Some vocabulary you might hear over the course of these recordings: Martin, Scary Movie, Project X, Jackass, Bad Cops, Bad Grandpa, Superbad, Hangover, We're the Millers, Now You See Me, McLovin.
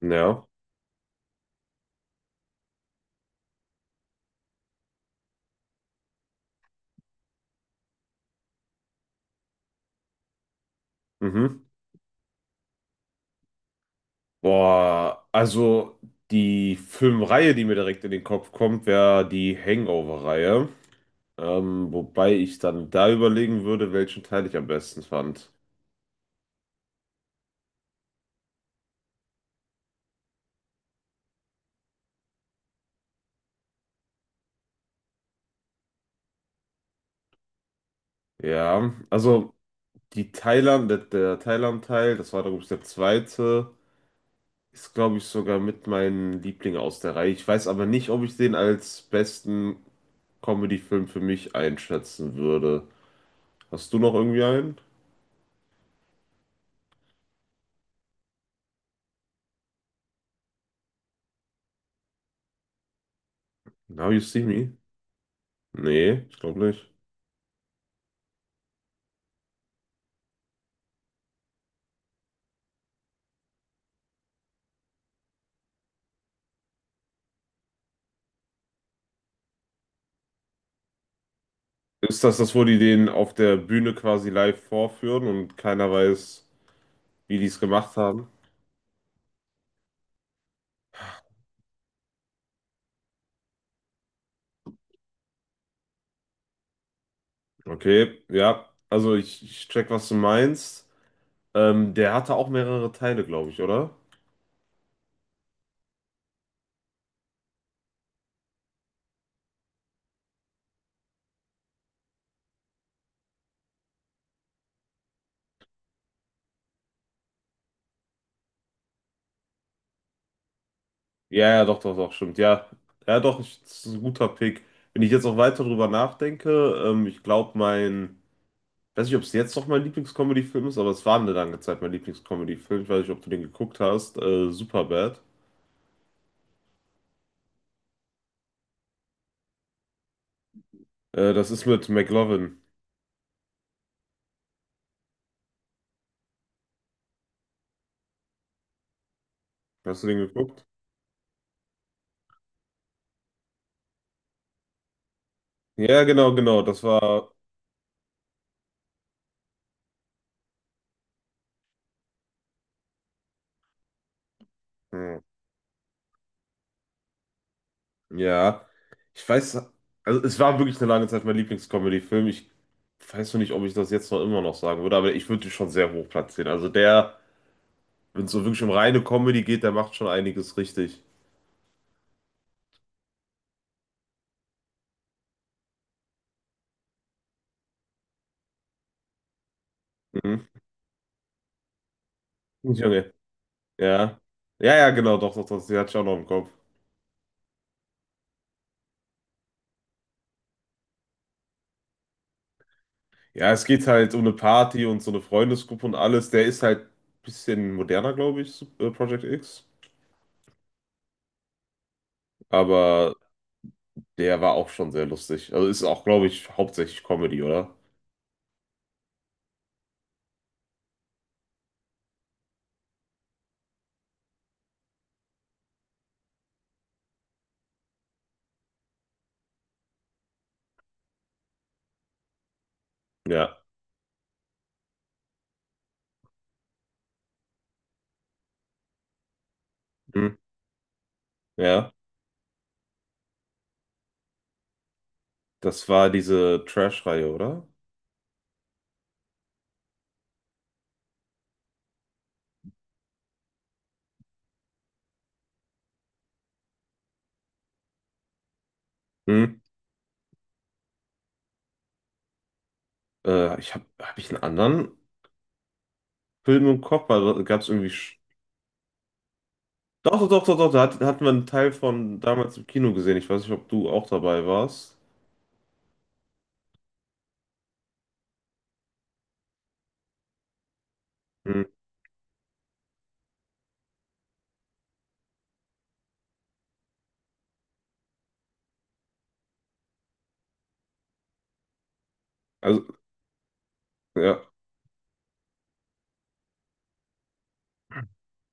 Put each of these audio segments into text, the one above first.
Ja. Mhm. Boah, also die Filmreihe, die mir direkt in den Kopf kommt, wäre die Hangover-Reihe. Wobei ich dann da überlegen würde, welchen Teil ich am besten fand. Ja, also die Thailand, der Thailand-Teil, das war, glaube ich, der zweite, ist, glaube ich, sogar mit meinem Liebling aus der Reihe. Ich weiß aber nicht, ob ich den als besten Comedy-Film für mich einschätzen würde. Hast du noch irgendwie einen? Now You See Me? Nee, ich glaube nicht. Ist das das, wo die den auf der Bühne quasi live vorführen und keiner weiß, wie die es gemacht haben? Okay, ja. Also ich check, was du meinst. Der hatte auch mehrere Teile, glaube ich, oder? Ja, ja, doch, doch, doch, stimmt. Ja, ja, doch, ich, das ist ein guter Pick. Wenn ich jetzt auch weiter drüber nachdenke, ich glaube, mein, weiß nicht, ob es jetzt noch mein Lieblingscomedy-Film ist, aber es war eine lange Zeit mein Lieblingscomedy-Film. Ich weiß nicht, ob du den geguckt hast. Superbad. Das ist mit McLovin. Hast du den geguckt? Ja, genau, genau. Das war. Hm, ja. Ich weiß, also es war wirklich eine lange Zeit mein Lieblingscomedy-Film. Ich weiß noch nicht, ob ich das jetzt noch immer noch sagen würde, aber ich würde ihn schon sehr hoch platzieren. Also der, wenn es so wirklich um reine Comedy geht, der macht schon einiges richtig. Mhm. Junge. Ja. Ja, ja, genau, doch, doch, doch. Die hatte ich auch noch im Kopf. Ja, es geht halt um eine Party und so eine Freundesgruppe und alles. Der ist halt ein bisschen moderner, glaube ich, Project X. Aber der war auch schon sehr lustig. Also ist auch, glaube ich, hauptsächlich Comedy, oder? Ja. Hm. Ja. Das war diese Trash-Reihe, oder? Hm. Ich habe hab hab ich einen anderen Film im Kopf, weil da gab es irgendwie. Doch, doch, doch, doch, da hatten wir einen Teil von damals im Kino gesehen. Ich weiß nicht, ob du auch dabei warst. Hm. Also, ja.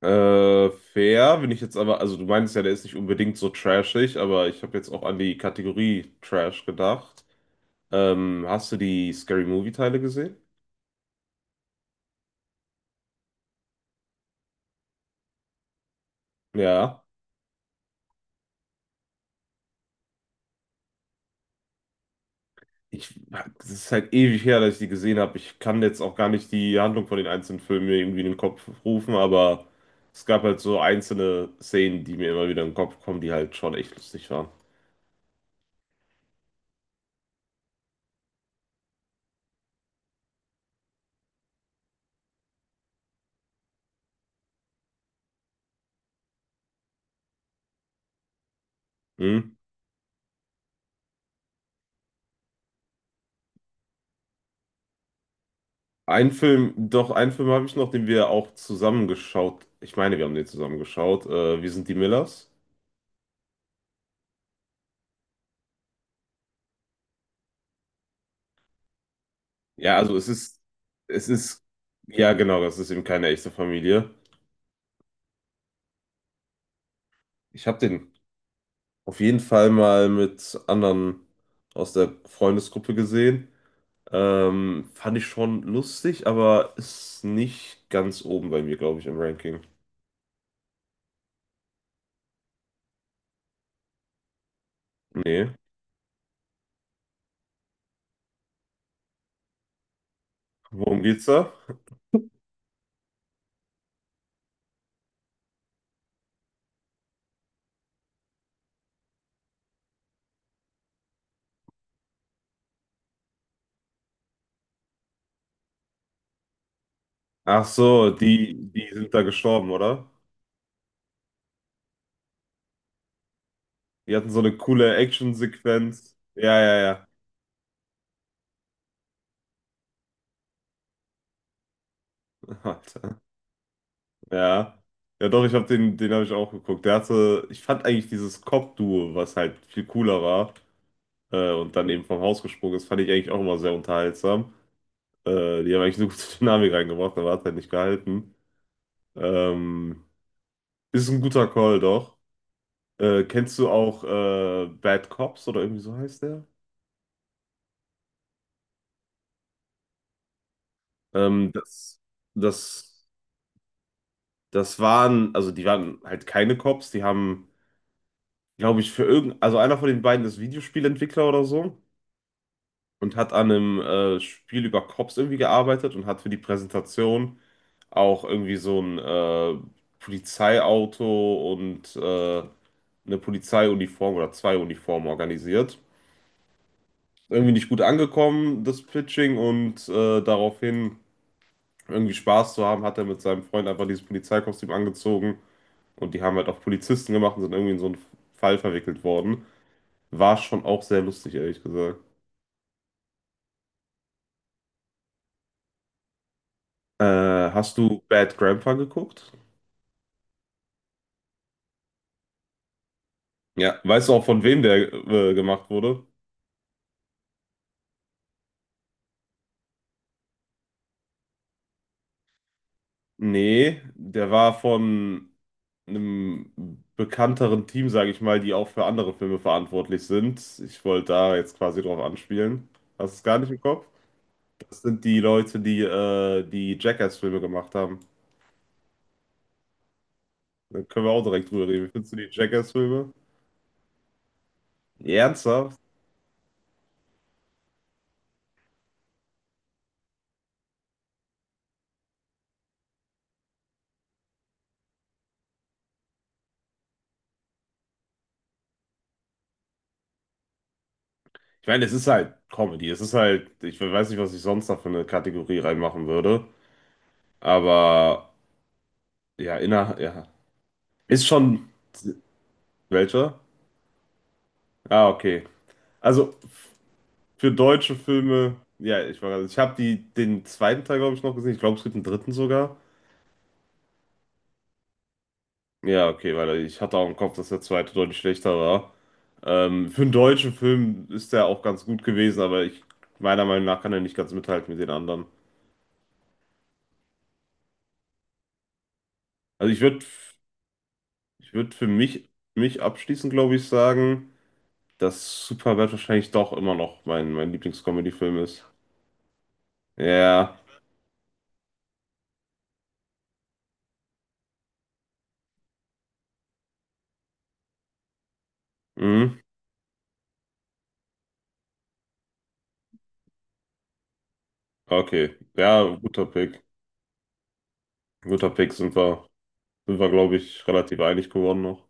Fair, bin ich jetzt aber, also du meinst ja, der ist nicht unbedingt so trashig, aber ich habe jetzt auch an die Kategorie Trash gedacht. Hast du die Scary Movie Teile gesehen? Ja. Ich, das ist halt ewig her, dass ich die gesehen habe. Ich kann jetzt auch gar nicht die Handlung von den einzelnen Filmen mir irgendwie in den Kopf rufen, aber es gab halt so einzelne Szenen, die mir immer wieder in den Kopf kommen, die halt schon echt lustig waren. Hm? Ein Film, doch, einen Film habe ich noch, den wir auch zusammengeschaut. Ich meine, wir haben den zusammen geschaut. Wir sind die Millers. Ja, also es ist, ja genau, das ist eben keine echte Familie. Ich habe den auf jeden Fall mal mit anderen aus der Freundesgruppe gesehen. Fand ich schon lustig, aber ist nicht ganz oben bei mir, glaube ich, im Ranking. Nee. Worum geht's da? Ach so, die sind da gestorben, oder? Die hatten so eine coole Action-Sequenz. Ja, ja, ja. Alter. Ja. Ja, doch, ich habe den, den habe ich auch geguckt. Der hatte, ich fand eigentlich dieses Cop-Duo, was halt viel cooler war, und dann eben vom Haus gesprungen ist, fand ich eigentlich auch immer sehr unterhaltsam. Die haben eigentlich eine gute Dynamik reingebracht, aber hat halt nicht gehalten. Ähm, Ist ein guter Call, doch. Kennst du auch Bad Cops oder irgendwie so heißt der? Ähm, das, das, Das waren, also die waren halt keine Cops, die haben, glaube ich, für irgend, also einer von den beiden ist Videospielentwickler oder so und hat an einem Spiel über Cops irgendwie gearbeitet und hat für die Präsentation auch irgendwie so ein Polizeiauto und eine Polizeiuniform oder zwei Uniformen organisiert. Irgendwie nicht gut angekommen, das Pitching, und daraufhin irgendwie Spaß zu haben, hat er mit seinem Freund einfach dieses Polizeikostüm angezogen und die haben halt auch Polizisten gemacht und sind irgendwie in so einen Fall verwickelt worden. War schon auch sehr lustig, ehrlich gesagt. Äh, Hast du Bad Grandpa geguckt? Ja, weißt du auch von wem der gemacht wurde? Nee, der war von einem bekannteren Team, sage ich mal, die auch für andere Filme verantwortlich sind. Ich wollte da jetzt quasi drauf anspielen. Hast du es gar nicht im Kopf? Das sind die Leute, die die Jackass-Filme gemacht haben. Da können wir auch direkt drüber reden. Wie findest du die Jackass-Filme? Ernsthaft? Ich meine, es ist halt Comedy. Es ist halt, ich weiß nicht, was ich sonst da für eine Kategorie reinmachen würde. Aber ja, inner, ja. Ist schon welcher? Ah, okay. Also für deutsche Filme, ja, ich war gerade, ich habe die den zweiten Teil, glaube ich, noch gesehen. Ich glaube, es gibt einen dritten sogar. Ja, okay, weil ich hatte auch im Kopf, dass der zweite deutlich schlechter war. Für einen deutschen Film ist der auch ganz gut gewesen, aber ich, meiner Meinung nach kann er nicht ganz mithalten mit den anderen. Also ich würd für mich abschließend, glaube ich, sagen, dass Superbad wahrscheinlich doch immer noch mein Lieblingscomedy-Film ist. Ja, mhm. Okay. Ja, guter Pick. Guter Pick sind wir, glaube ich, relativ einig geworden noch.